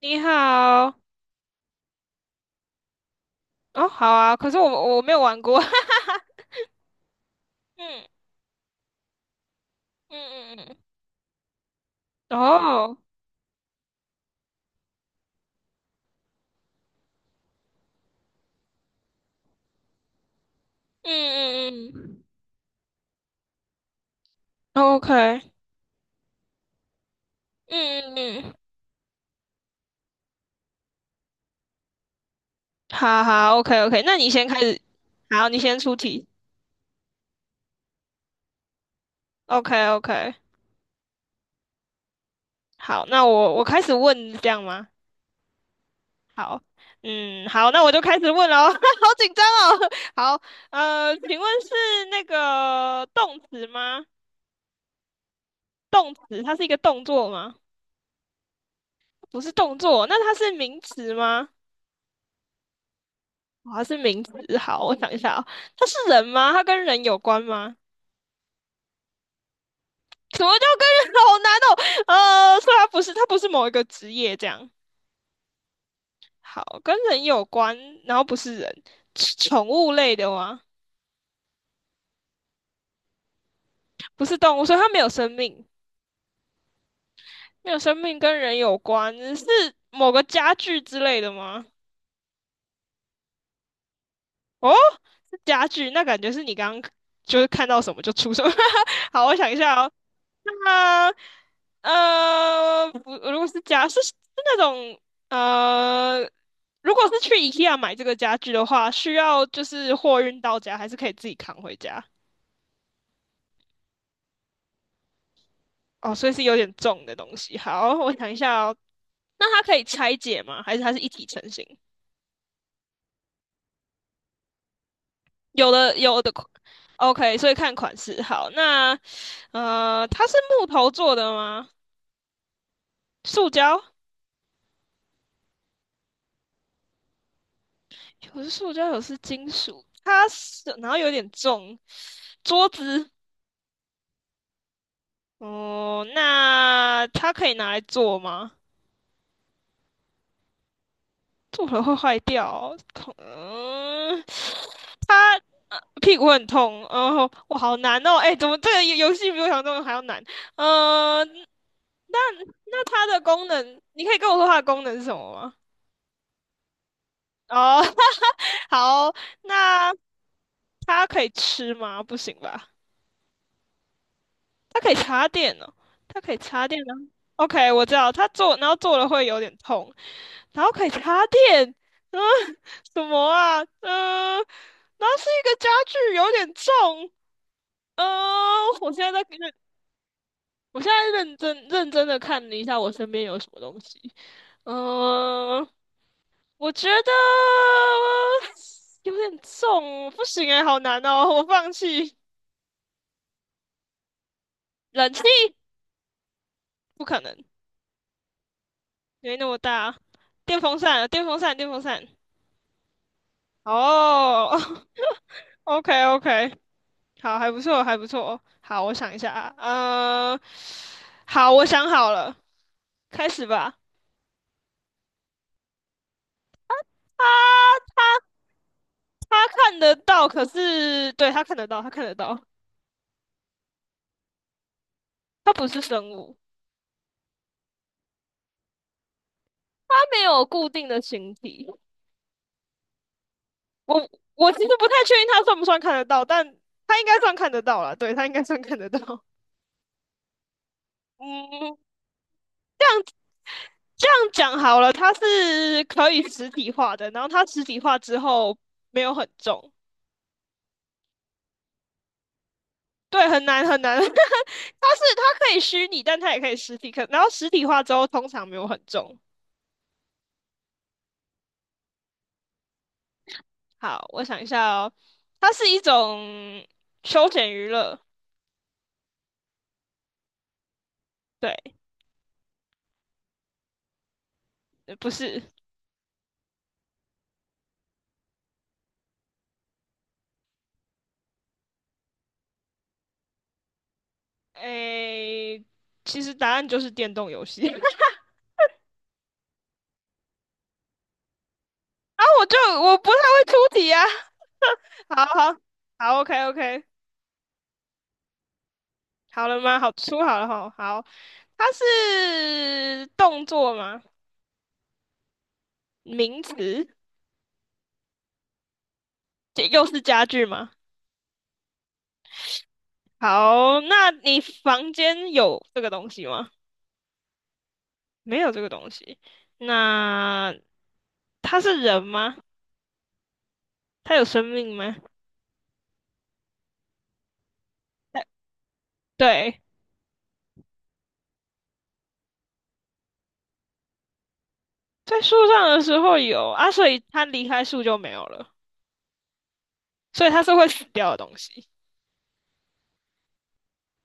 你好。哦，好啊，可是我没有玩过。嗯嗯嗯嗯。哦，嗯嗯嗯。 o k 嗯嗯嗯嗯。好好，OK OK，那你先开始。好，你先出题。OK OK。好，那我开始问，这样吗？好。嗯，好，那我就开始问喽，好紧张哦，好，请问是那个动词吗？动词，它是一个动作吗？不是动作，那它是名词吗？它是名词。好，我想一下哦，它是人吗？它跟人有关吗？什么叫跟人？好难哦。呃，所以它不是，它不是某一个职业这样。好，跟人有关，然后不是人，是宠物类的吗？不是动物，所以它没有生命。没有生命，跟人有关，是某个家具之类的吗？哦，是家具，那感觉是你刚刚就是看到什么就出什么。好，我想一下哦。那么，呃，不，如果是家是那种呃，如果是去 IKEA 买这个家具的话，需要就是货运到家，还是可以自己扛回家？哦，所以是有点重的东西。好，我想一下哦，那它可以拆解吗？还是它是一体成型？有的有的 o k 所以看款式。好，那它是木头做的吗？塑胶。有是塑胶，有是金属。它是，然后有点重，桌子。哦，那它可以拿来做吗？做了会坏掉哦，痛。嗯，屁股很痛，然后我好难哦，哎，怎么这个游戏比我想象中的还要难？嗯。那那它的功能，你可以跟我说它的功能是什么吗？哦，好，那它可以吃吗？不行吧？它可以插电哦，它可以插电哦。OK，我知道，它坐，然后坐了会有点痛，然后可以插电。嗯，什么啊？嗯。然后是一个家具，有点重。嗯。我现在在认，我现在认真认真的看了一下我身边有什么东西。嗯。我觉得有点重，不行哎，好难哦，我放弃。冷气不可能，没那么大。电风扇啊，电风扇，电风扇。哦， o k o k 好，还不错，还不错。好，我想一下啊，呃，好，我想好了，开始吧。他他他看得到，可是对他看得到，他看得到。他不是生物。他没有固定的形体。我我其实不太确定他算不算看得到，但他应该算看得到了，对，他应该算看得到。嗯，这样讲好了，它是可以实体化的，然后它实体化之后没有很重。对，很难很难。它是它可以虚拟，但它也可以实体。可然后实体化之后，通常没有很重。好，我想一下哦，它是一种休闲娱乐。对。不是。诶，其实答案就是电动游戏。然后我就我不太会出题啊。好好好，OK OK，好了吗？好，出好了哈。好，它是动作吗？名词？这又是家具吗？好，那你房间有这个东西吗？没有这个东西。那它是人吗？它有生命吗？它对，在树上的时候有啊，所以它离开树就没有了，所以它是会死掉的东西。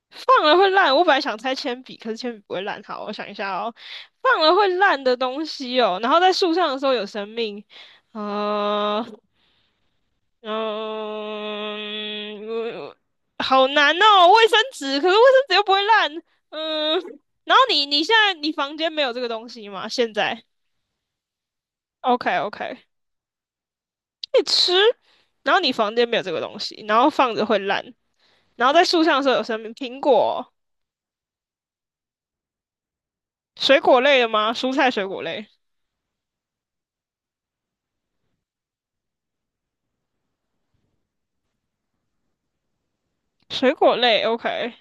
放了会烂，我本来想猜铅笔，可是铅笔不会烂。好，我想一下哦，放了会烂的东西哦，然后在树上的时候有生命，呃，嗯，我好难哦，卫生纸，可是卫生纸又不会烂。嗯，然后你现在你房间没有这个东西吗？现在？OK OK，你吃，然后你房间没有这个东西，然后放着会烂，然后在树上的时候有生命，苹果、水果类的吗？蔬菜、水果类。水果类，OK。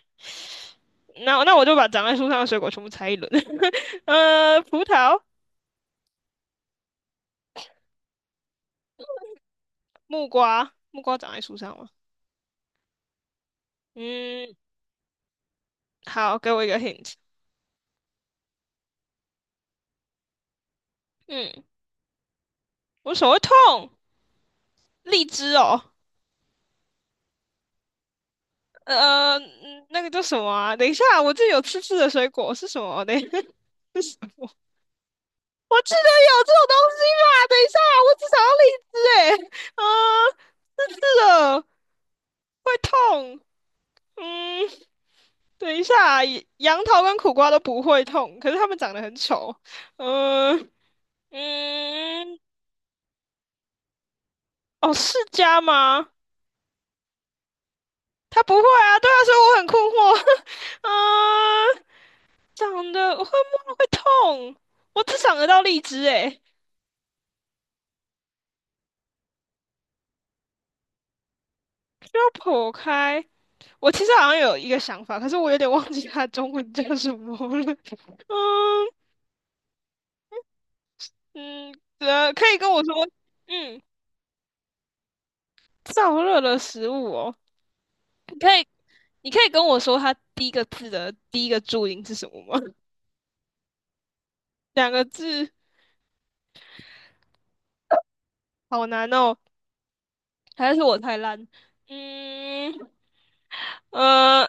那我就把长在树上的水果全部拆一轮，呃，葡萄、木瓜，木瓜长在树上吗？嗯，好，给我一个 hint。嗯。我手会痛。荔枝哦，那个叫什么啊？等一下，我这有刺刺的水果是什么？等一下，是什么？我记得有这种东西吧？等一下，我只想要荔枝哎，啊，刺刺的会痛。嗯。等一下，杨桃跟苦瓜都不会痛，可是它们长得很丑。嗯。嗯。哦，释迦吗？它不会啊，对啊，所以我很困惑。嗯。长得我会摸会痛，我只想得到荔枝诶。需要剖开。我其实好像有一个想法，可是我有点忘记它的中文叫什么了。嗯。嗯，呃，可以跟我说。嗯，燥热的食物哦，你可以，你可以跟我说它第一个字的第一个注音是什么吗？两个字，好难哦，还是我太烂？嗯，呃，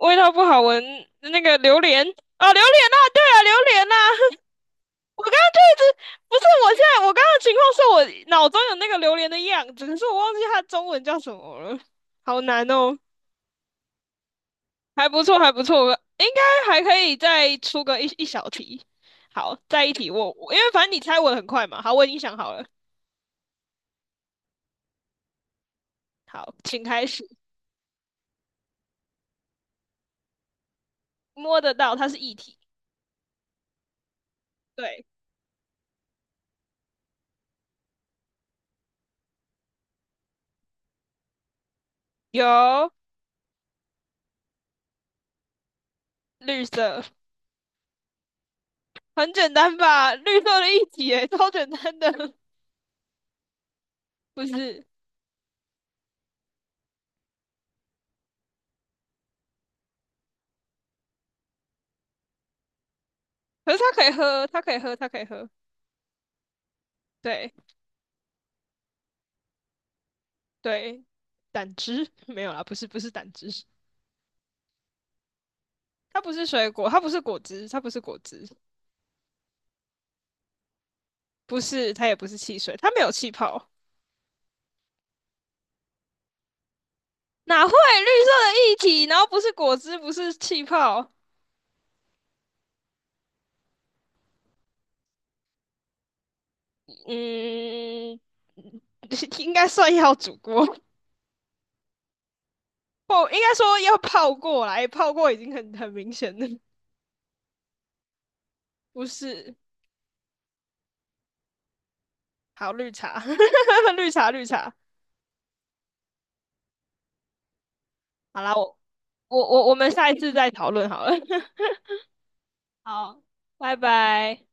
味道不好闻，那个榴莲啊，榴莲啊，对啊，榴莲啊，我刚刚就一直不是，我现在我刚刚的情况是我脑中有那个榴莲的样子，可是我忘记它中文叫什么了，好难哦。还不错，还不错，应该还可以再出个一小题。好，再一题，我因为反正你猜我的很快嘛，好，我已经想好了。好，请开始。摸得到，它是液体。对。有。绿色。很简单吧？绿色的液体耶，超简单的。不是？可是它可以喝，它可以喝，它可以喝。对对。胆汁， 没有啦，不是不是胆汁。它不是水果，它不是果汁，它不是果汁。不是，它也不是汽水，它没有气泡。哪会绿色的液体，然后不是果汁，不是气泡？嗯，应该算要煮过，不，应该说要泡过来，欸泡过已经很明显了。不是。好，绿茶，绿茶，绿茶。好啦，我我们下一次再讨论好了。好，拜拜。